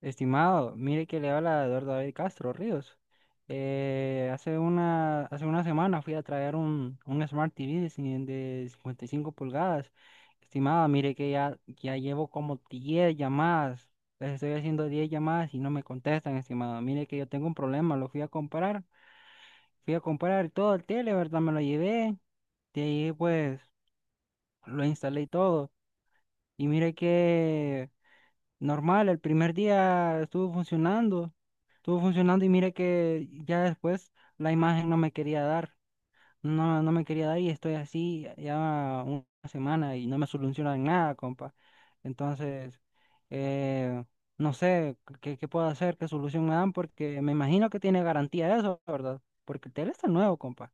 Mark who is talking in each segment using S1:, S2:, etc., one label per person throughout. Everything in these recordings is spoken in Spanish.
S1: Estimado, mire que le habla Eduardo David Castro Ríos. Hace hace una semana fui a traer un Smart TV de 55 pulgadas. Estimado, mire que ya llevo como 10 llamadas. Les estoy haciendo 10 llamadas y no me contestan, estimado. Mire que yo tengo un problema, lo fui a comprar. Fui a comprar todo el tele, ¿verdad? Me lo llevé. De ahí pues lo instalé y todo. Y mire que normal, el primer día estuvo funcionando. Estuvo funcionando y mire que ya después la imagen no me quería dar, no, no me quería dar y estoy así ya una semana y no me solucionan nada, compa. Entonces, eh, no sé qué puedo hacer, qué solución me dan, porque me imagino que tiene garantía eso, ¿verdad? Porque el tele está nuevo, compa.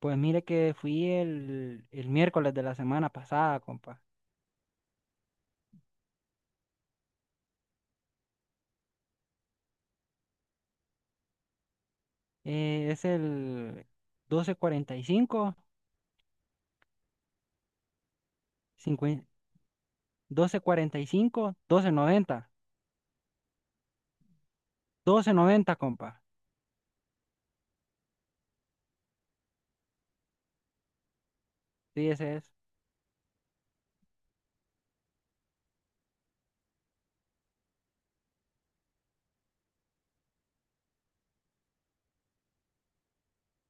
S1: Pues mire que fui el miércoles de la semana pasada, compa. Es el doce cuarenta cuarenta y cinco, cincuenta, doce cuarenta y cinco, doce noventa, doce noventa, compa. Sí, ese es.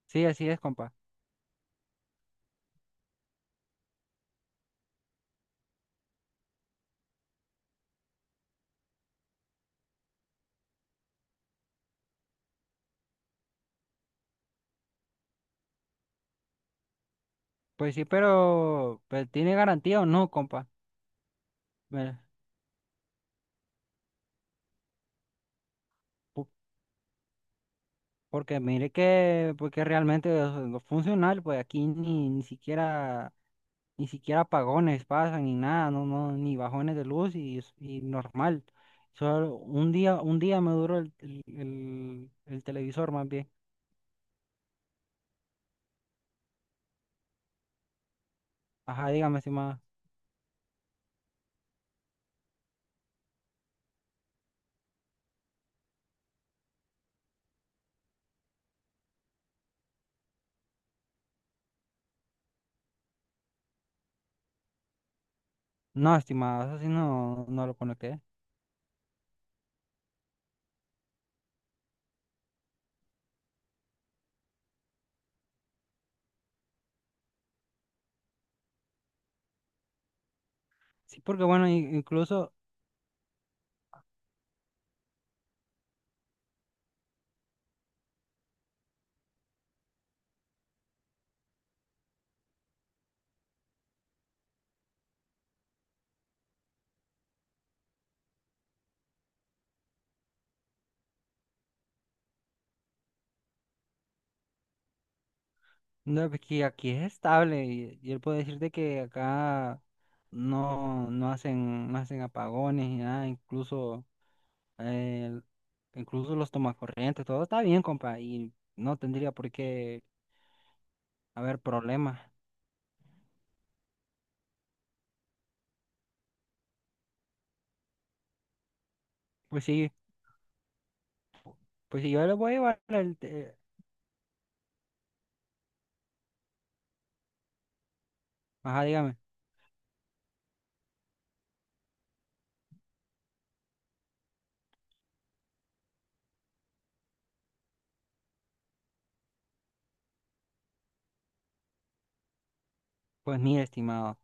S1: Sí, así es, compa. Pues sí, pero, pues, ¿tiene garantía o no, compa? Me- pu- Porque mire que, porque realmente los funcionarios, pues aquí ni siquiera apagones pasan ni nada, no, no, ni bajones de luz y normal. Solo un día me duró el televisor más bien. Ajá, dígame, estimada. No, estimada, eso sí no, no lo conecté. Sí, porque bueno, incluso. No, porque aquí es estable y él puede decirte que acá no, no hacen, no hacen apagones ni nada, eh, incluso los tomacorrientes, todo está bien, compa, y no tendría por qué haber problemas. Pues sí, pues sí, yo le voy a llevar el te- Ajá, dígame. Pues mire, estimado.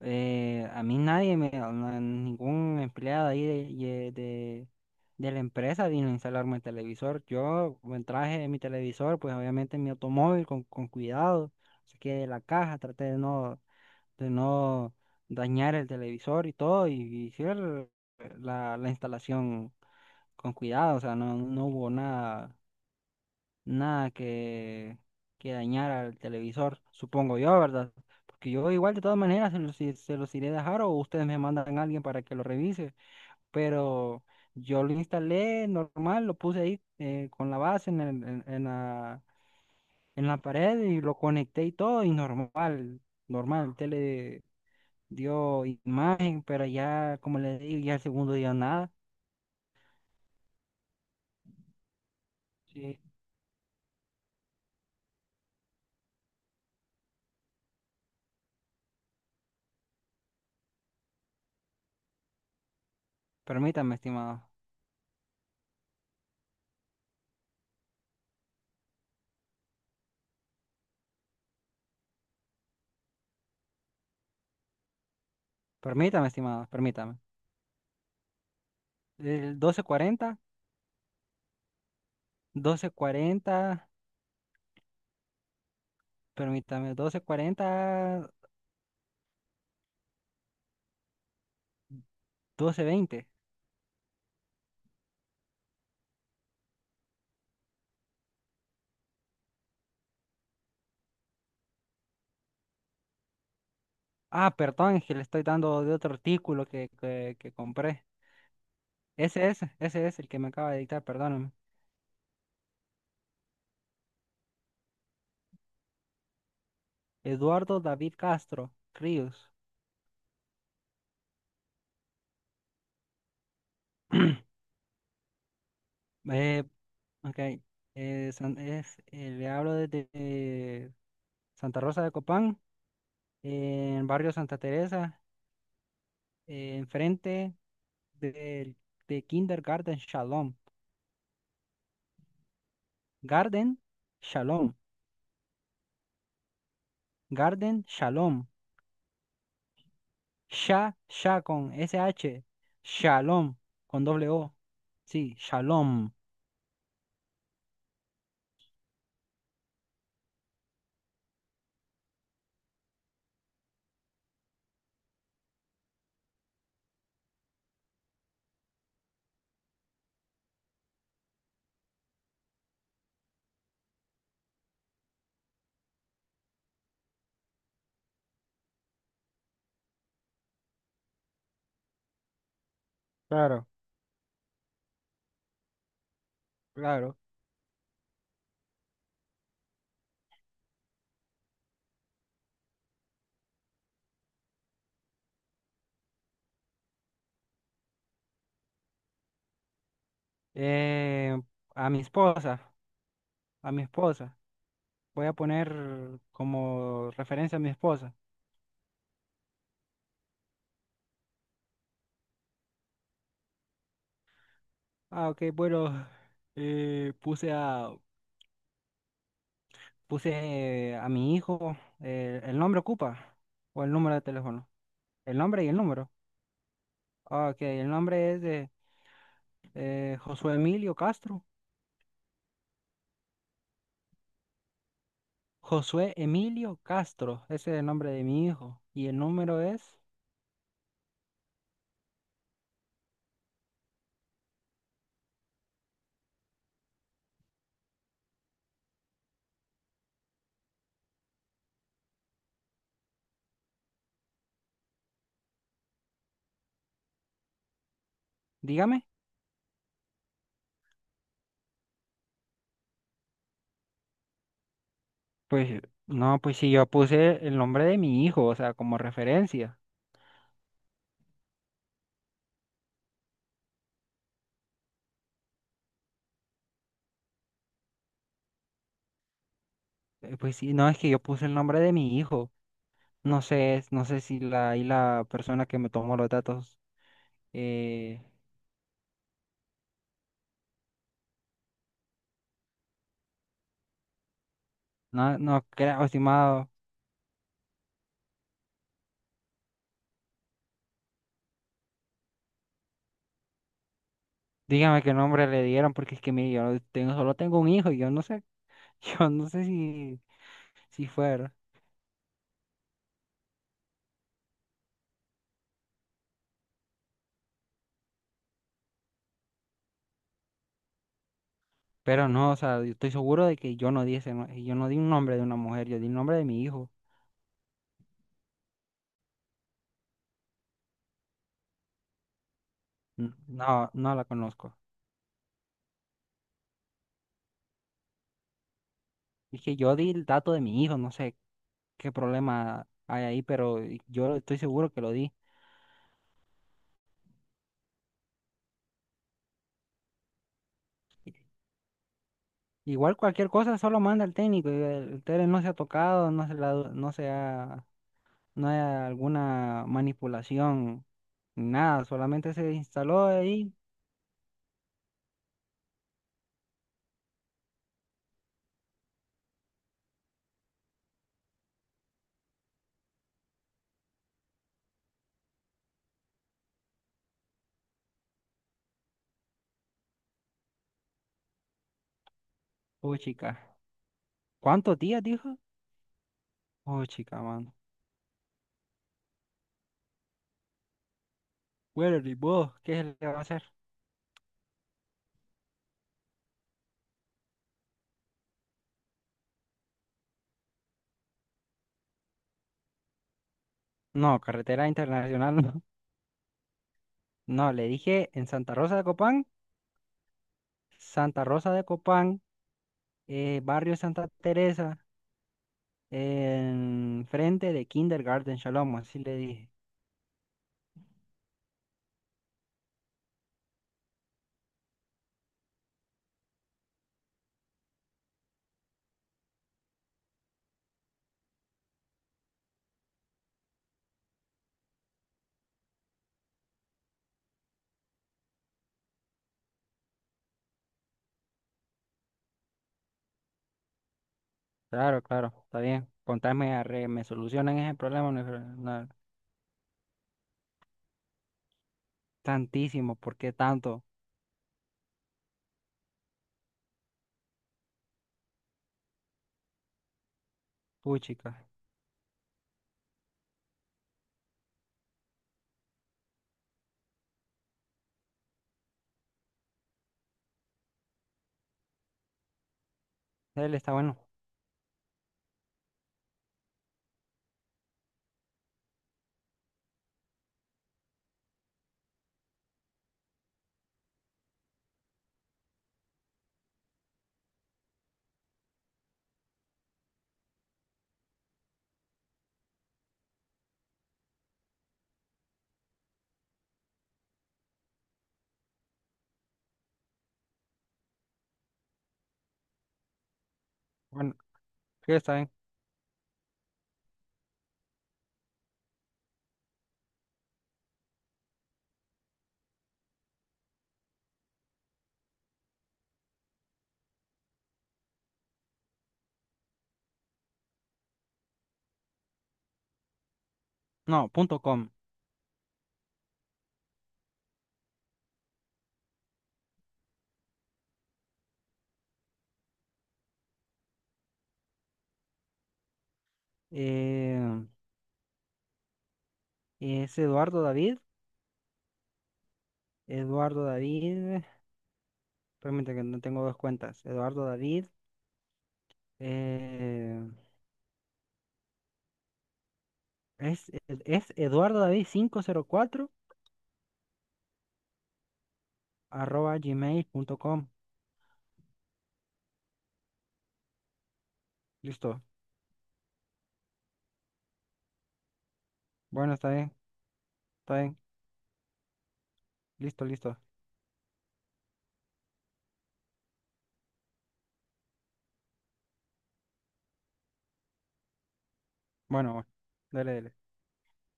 S1: A mí nadie, me, no- ningún empleado ahí de la empresa vino a instalarme el televisor. Yo me traje mi televisor, pues obviamente en mi automóvil con cuidado, saqué de la caja, traté de no dañar el televisor y todo, y la, la instalación con cuidado, o sea, no, no hubo nada nada que, que dañar al televisor, supongo yo, ¿verdad? Porque yo igual de todas maneras se los iré a dejar o ustedes me mandan a alguien para que lo revise, pero yo lo instalé normal, lo puse ahí con la base en, el- en la pared y lo conecté y todo y normal, normal, el tele dio imagen, pero ya, como les digo, ya el segundo día nada. Sí. Permítame, estimado, permítame, estimado, permítame. El doce cuarenta, doce cuarenta, permítame, doce cuarenta, doce veinte. Ah, perdón, es que le estoy dando de otro artículo que compré. Ese es el que me acaba de dictar, perdóname. Eduardo David Castro Ríos. Eh, ok, le hablo desde Santa Rosa de Copán, en barrio Santa Teresa, enfrente del de Kindergarten Shalom. Garden Shalom. Garden Shalom. Sha con S H, Shalom con doble O. Sí, Shalom. Claro, claro. Eh, a mi esposa, a mi esposa. Voy a poner como referencia a mi esposa. Ah, ok, bueno. eh, puse a, Puse a mi hijo. ¿El nombre ocupa? ¿O el número de teléfono? El nombre y el número. Ah, ok, el nombre es de Josué Emilio Castro. Josué Emilio Castro, ese es el nombre de mi hijo. Y el número es, dígame. Pues no, pues si yo puse el nombre de mi hijo, o sea, como referencia. Pues sí, no, es que yo puse el nombre de mi hijo. No sé, no sé si la, y la persona que me tomó los datos. eh, no, no creo, estimado, dígame qué nombre le dieron, porque es que mire, solo tengo un hijo y yo no sé, yo no sé si fuera. Pero no, o sea, yo estoy seguro de que yo no di ese, no- yo no di un nombre de una mujer, yo di el nombre de mi hijo. No, no la conozco. Es que yo di el dato de mi hijo, no sé qué problema hay ahí, pero yo estoy seguro que lo di. I- Igual cualquier cosa solo manda al técnico. El tele no se ha tocado, no se ha, no hay alguna manipulación ni nada, solamente se instaló ahí. Oh, chica. ¿Cuántos días dijo? Oh, chica, mano. Bueno, ni modo, ¿qué se le va a hacer? No, carretera internacional no. No, le dije en Santa Rosa de Copán, Santa Rosa de Copán, barrio Santa Teresa, en frente de Kindergarten Shalom, así le dije. Claro, claro, está bien. Contame, arre, me solucionan ese problema. No, no, tantísimo, ¿por qué tanto? Uy, chica, él está bueno. Bueno, sí, está bien. No, punto com. Eh, es Eduardo David. Eduardo David. Permítame que no tengo dos cuentas. Eduardo David. Eh, Es, es Eduardo David cuatro arroba gmail.com. Listo. Bueno, está bien, está bien. Listo, listo. Bueno, bueno. Dale, dale.